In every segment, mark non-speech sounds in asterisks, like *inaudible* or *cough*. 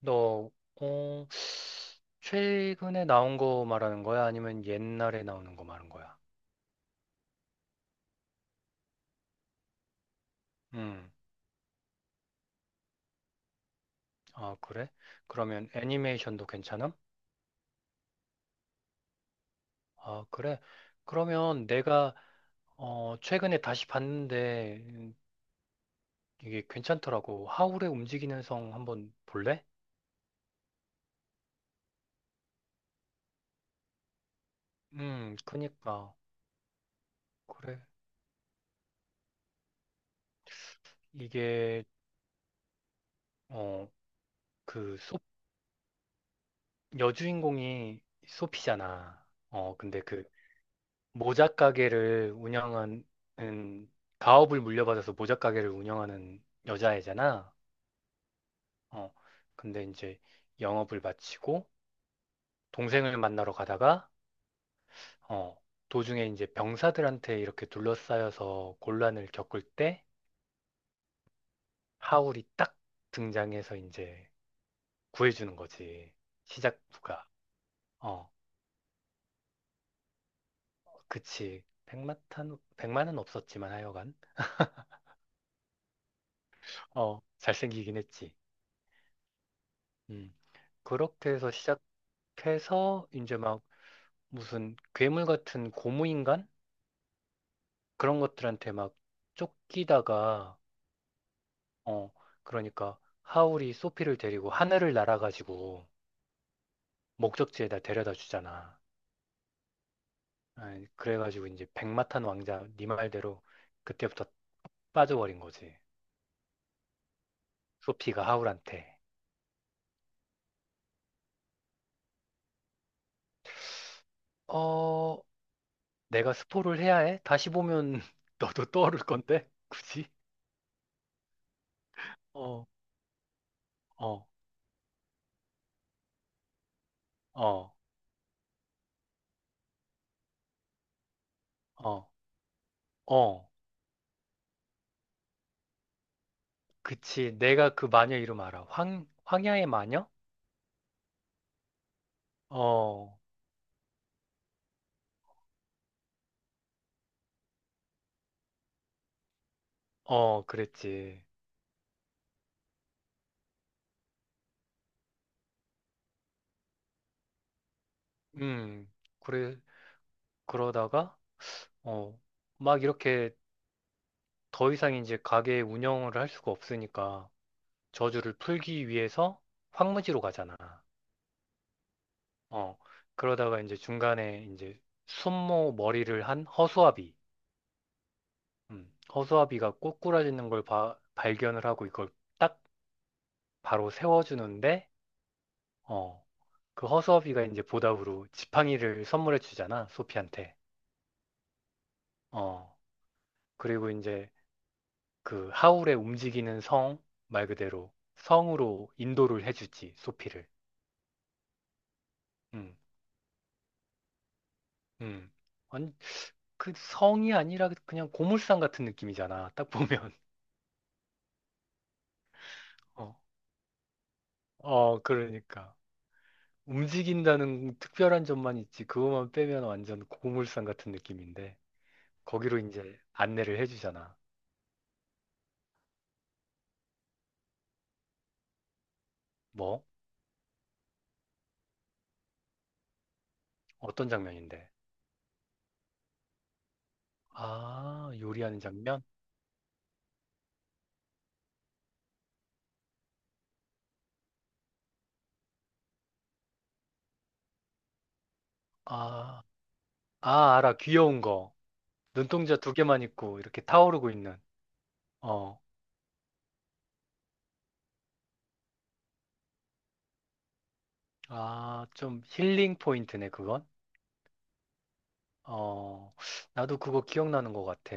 너, 어, 최근에 나온 거 말하는 거야? 아니면 옛날에 나오는 거 말하는 거야? 음, 아, 그래? 그러면 애니메이션도 괜찮음? 아, 그래? 그러면 내가, 최근에 다시 봤는데, 이게 괜찮더라고. 하울의 움직이는 성 한번 볼래? 그니까. 그래. 이게, 어, 그, 소, 여주인공이 소피잖아. 근데 그, 모자 가게를 운영한, 음, 가업을 물려받아서 모자 가게를 운영하는 여자애잖아. 어. 근데 이제 영업을 마치고 동생을 만나러 가다가 어, 도중에 이제 병사들한테 이렇게 둘러싸여서 곤란을 겪을 때 하울이 딱 등장해서 이제 구해주는 거지. 시작부가. 어, 그치. 백마탄, 백만은 없었지만 하여간. 어, 잘생기긴 했지. 음. 그렇게 해서 시작해서 이제 막 무슨 괴물 같은 고무인간? 그런 것들한테 막 쫓기다가, 어, 그러니까 하울이 소피를 데리고 하늘을 날아가지고 목적지에다 데려다 주잖아. 아, 그래가지고 이제 백마탄 왕자, 네 말대로 그때부터 빠져버린 거지. 소피가 하울한테. 어, 내가 스포를 해야 해? 다시 보면 *laughs* 너도 떠오를 건데? 굳이? 어, 어, 어, 어, 어. 그치. 내가 그 마녀 이름 알아. 황야의 마녀? 어, 어, 그랬지. 음, 그래, 그러다가, 어, 막 이렇게 더 이상 이제 가게 운영을 할 수가 없으니까 저주를 풀기 위해서 황무지로 가잖아. 어, 그러다가 이제 중간에 이제 순모 머리를 한 허수아비. 허수아비가 꼬꾸라지는 걸 발견을 하고 이걸 딱 바로 세워주는데, 어, 그 허수아비가 이제 보답으로 지팡이를 선물해 주잖아, 소피한테. 어. 그리고 이제 그 하울의 움직이는 성, 말 그대로 성으로 인도를 해주지, 소피를. 음, 음. 아니, 그 성이 아니라 그냥 고물상 같은 느낌이잖아, 딱 보면. *laughs* 어, 어, 그러니까. 움직인다는 특별한 점만 있지, 그것만 빼면 완전 고물상 같은 느낌인데, 거기로 이제 안내를 해주잖아. 뭐? 어떤 장면인데? 아, 요리하는 장면? 아, 아, 알아. 귀여운 거. 눈동자 두 개만 있고 이렇게 타오르고 있는. 어. 아, 좀 힐링 포인트네, 그건. 어. 나도 그거 기억나는 것 같아.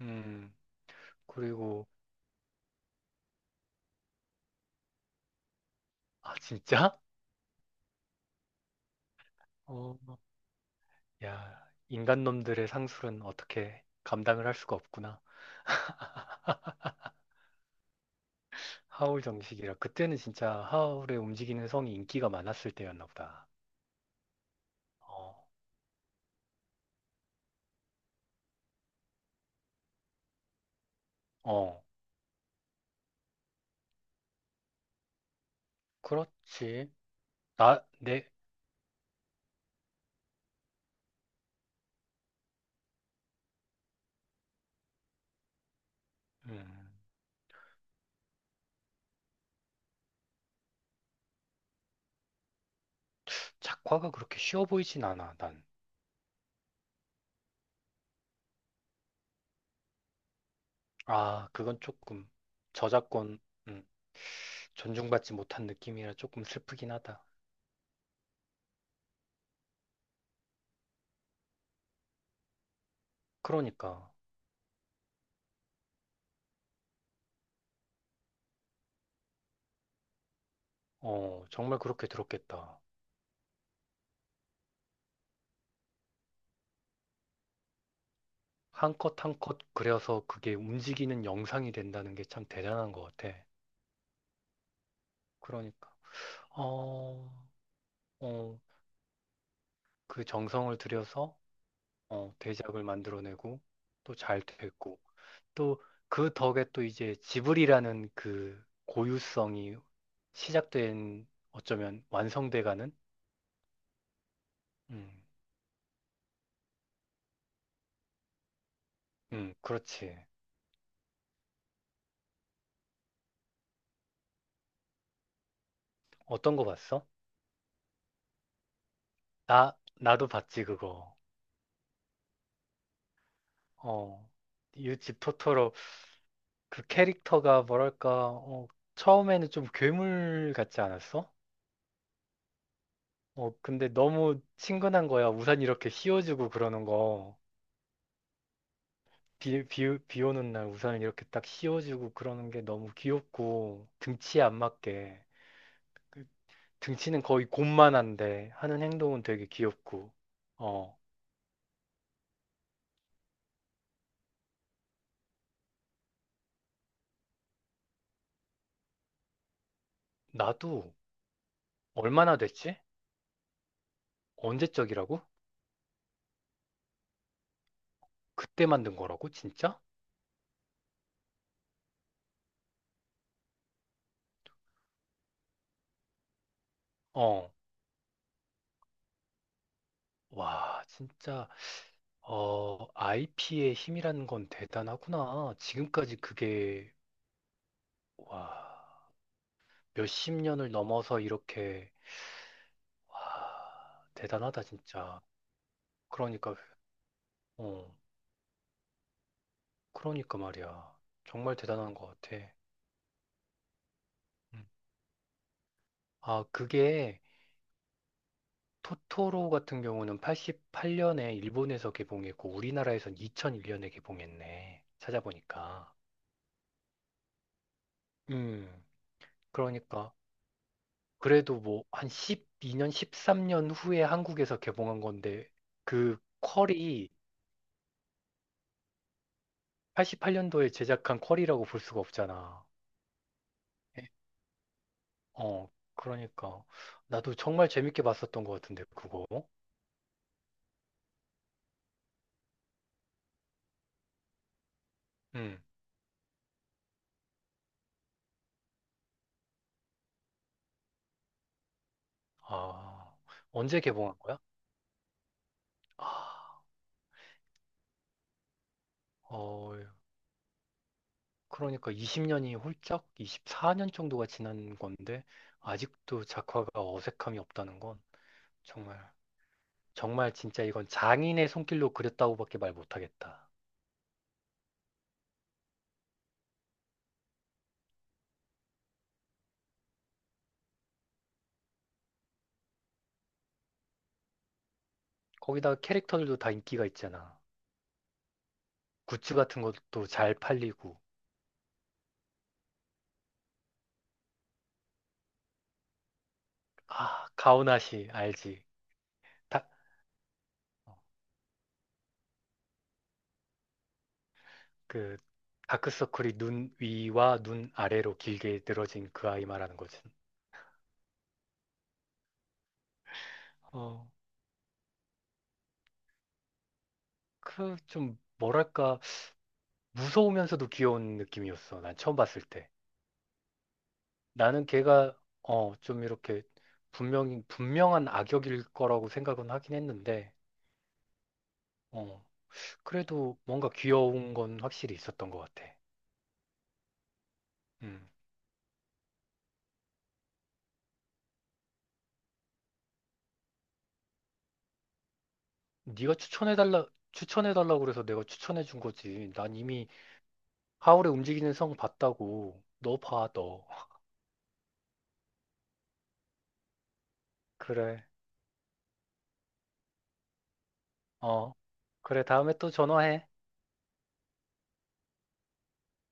음. 그리고 아, 진짜? 어. 야, 인간 놈들의 상술은 어떻게 감당을 할 수가 없구나. 하울 정식이라. 그때는 진짜 하울의 움직이는 성이 인기가 많았을 때였나 보다. 어. 어. 그렇지. 나, 내, 음. 작화가 그렇게 쉬워 보이진 않아, 난. 아, 그건 조금 저작권, 음, 존중받지 못한 느낌이라 조금 슬프긴 하다. 그러니까, 정말 그렇게 들었겠다. 한 컷 한 컷 그려서 그게 움직이는 영상이 된다는 게 참 대단한 것 같아. 그러니까, 어, 어, 그 정성을 들여서 어, 대작을 만들어내고 또 잘 됐고 또 그 덕에 또 이제 지브리라는 그 고유성이 시작된, 어쩌면 완성돼가는. 음, 그렇지. 어떤 거 봤어? 나도 봤지, 그거. 어, 유지 토토로, 그 캐릭터가 뭐랄까, 처음에는 좀 괴물 같지 않았어? 어, 근데 너무 친근한 거야. 우산 이렇게 씌워주고 그러는 거. 비 오는 날 우산을 이렇게 딱 씌워주고 그러는 게 너무 귀엽고, 등치에 안 맞게. 그 등치는 거의 곰만한데 하는 행동은 되게 귀엽고. 어, 나도. 얼마나 됐지? 언제적이라고? 그때 만든 거라고? 진짜? 어. 와, 진짜, IP의 힘이라는 건 대단하구나. 지금까지 그게, 와, 몇십 년을 넘어서 이렇게, 와, 대단하다, 진짜. 그러니까, 어, 그러니까 말이야. 정말 대단한 것 같아. 음. 아, 그게, 토토로 같은 경우는 88년에 일본에서 개봉했고, 우리나라에선 2001년에 개봉했네. 찾아보니까. 음, 그러니까. 그래도 뭐 한 12년, 13년 후에 한국에서 개봉한 건데 그 퀄이 88년도에 제작한 퀄이라고 볼 수가 없잖아. 예. 어, 그러니까 나도 정말 재밌게 봤었던 것 같은데 그거. 음. 아, 언제 개봉한 거야? 아, 어, 그러니까 20년이 훌쩍 24년 정도가 지난 건데 아직도 작화가 어색함이 없다는 건 정말 정말 진짜 이건 장인의 손길로 그렸다고밖에 말 못하겠다. 거기다가 캐릭터들도 다 인기가 있잖아. 굿즈 같은 것도 잘 팔리고. 아, 가오나시 알지? 다, 어, 그 다크서클이 눈 위와 눈 아래로 길게 늘어진 그 아이 말하는 거지. 어, 그 좀 뭐랄까 무서우면서도 귀여운 느낌이었어. 난 처음 봤을 때. 나는 걔가 좀 이렇게 분명히 분명한 악역일 거라고 생각은 하긴 했는데 어, 그래도 뭔가 귀여운 건 확실히 있었던 것 같아. 음. 네가 추천해달라고 그래서 내가 추천해준 거지. 난 이미 하울의 움직이는 성 봤다고. 너 봐, 너. 그래. 어. 그래, 다음에 또 전화해.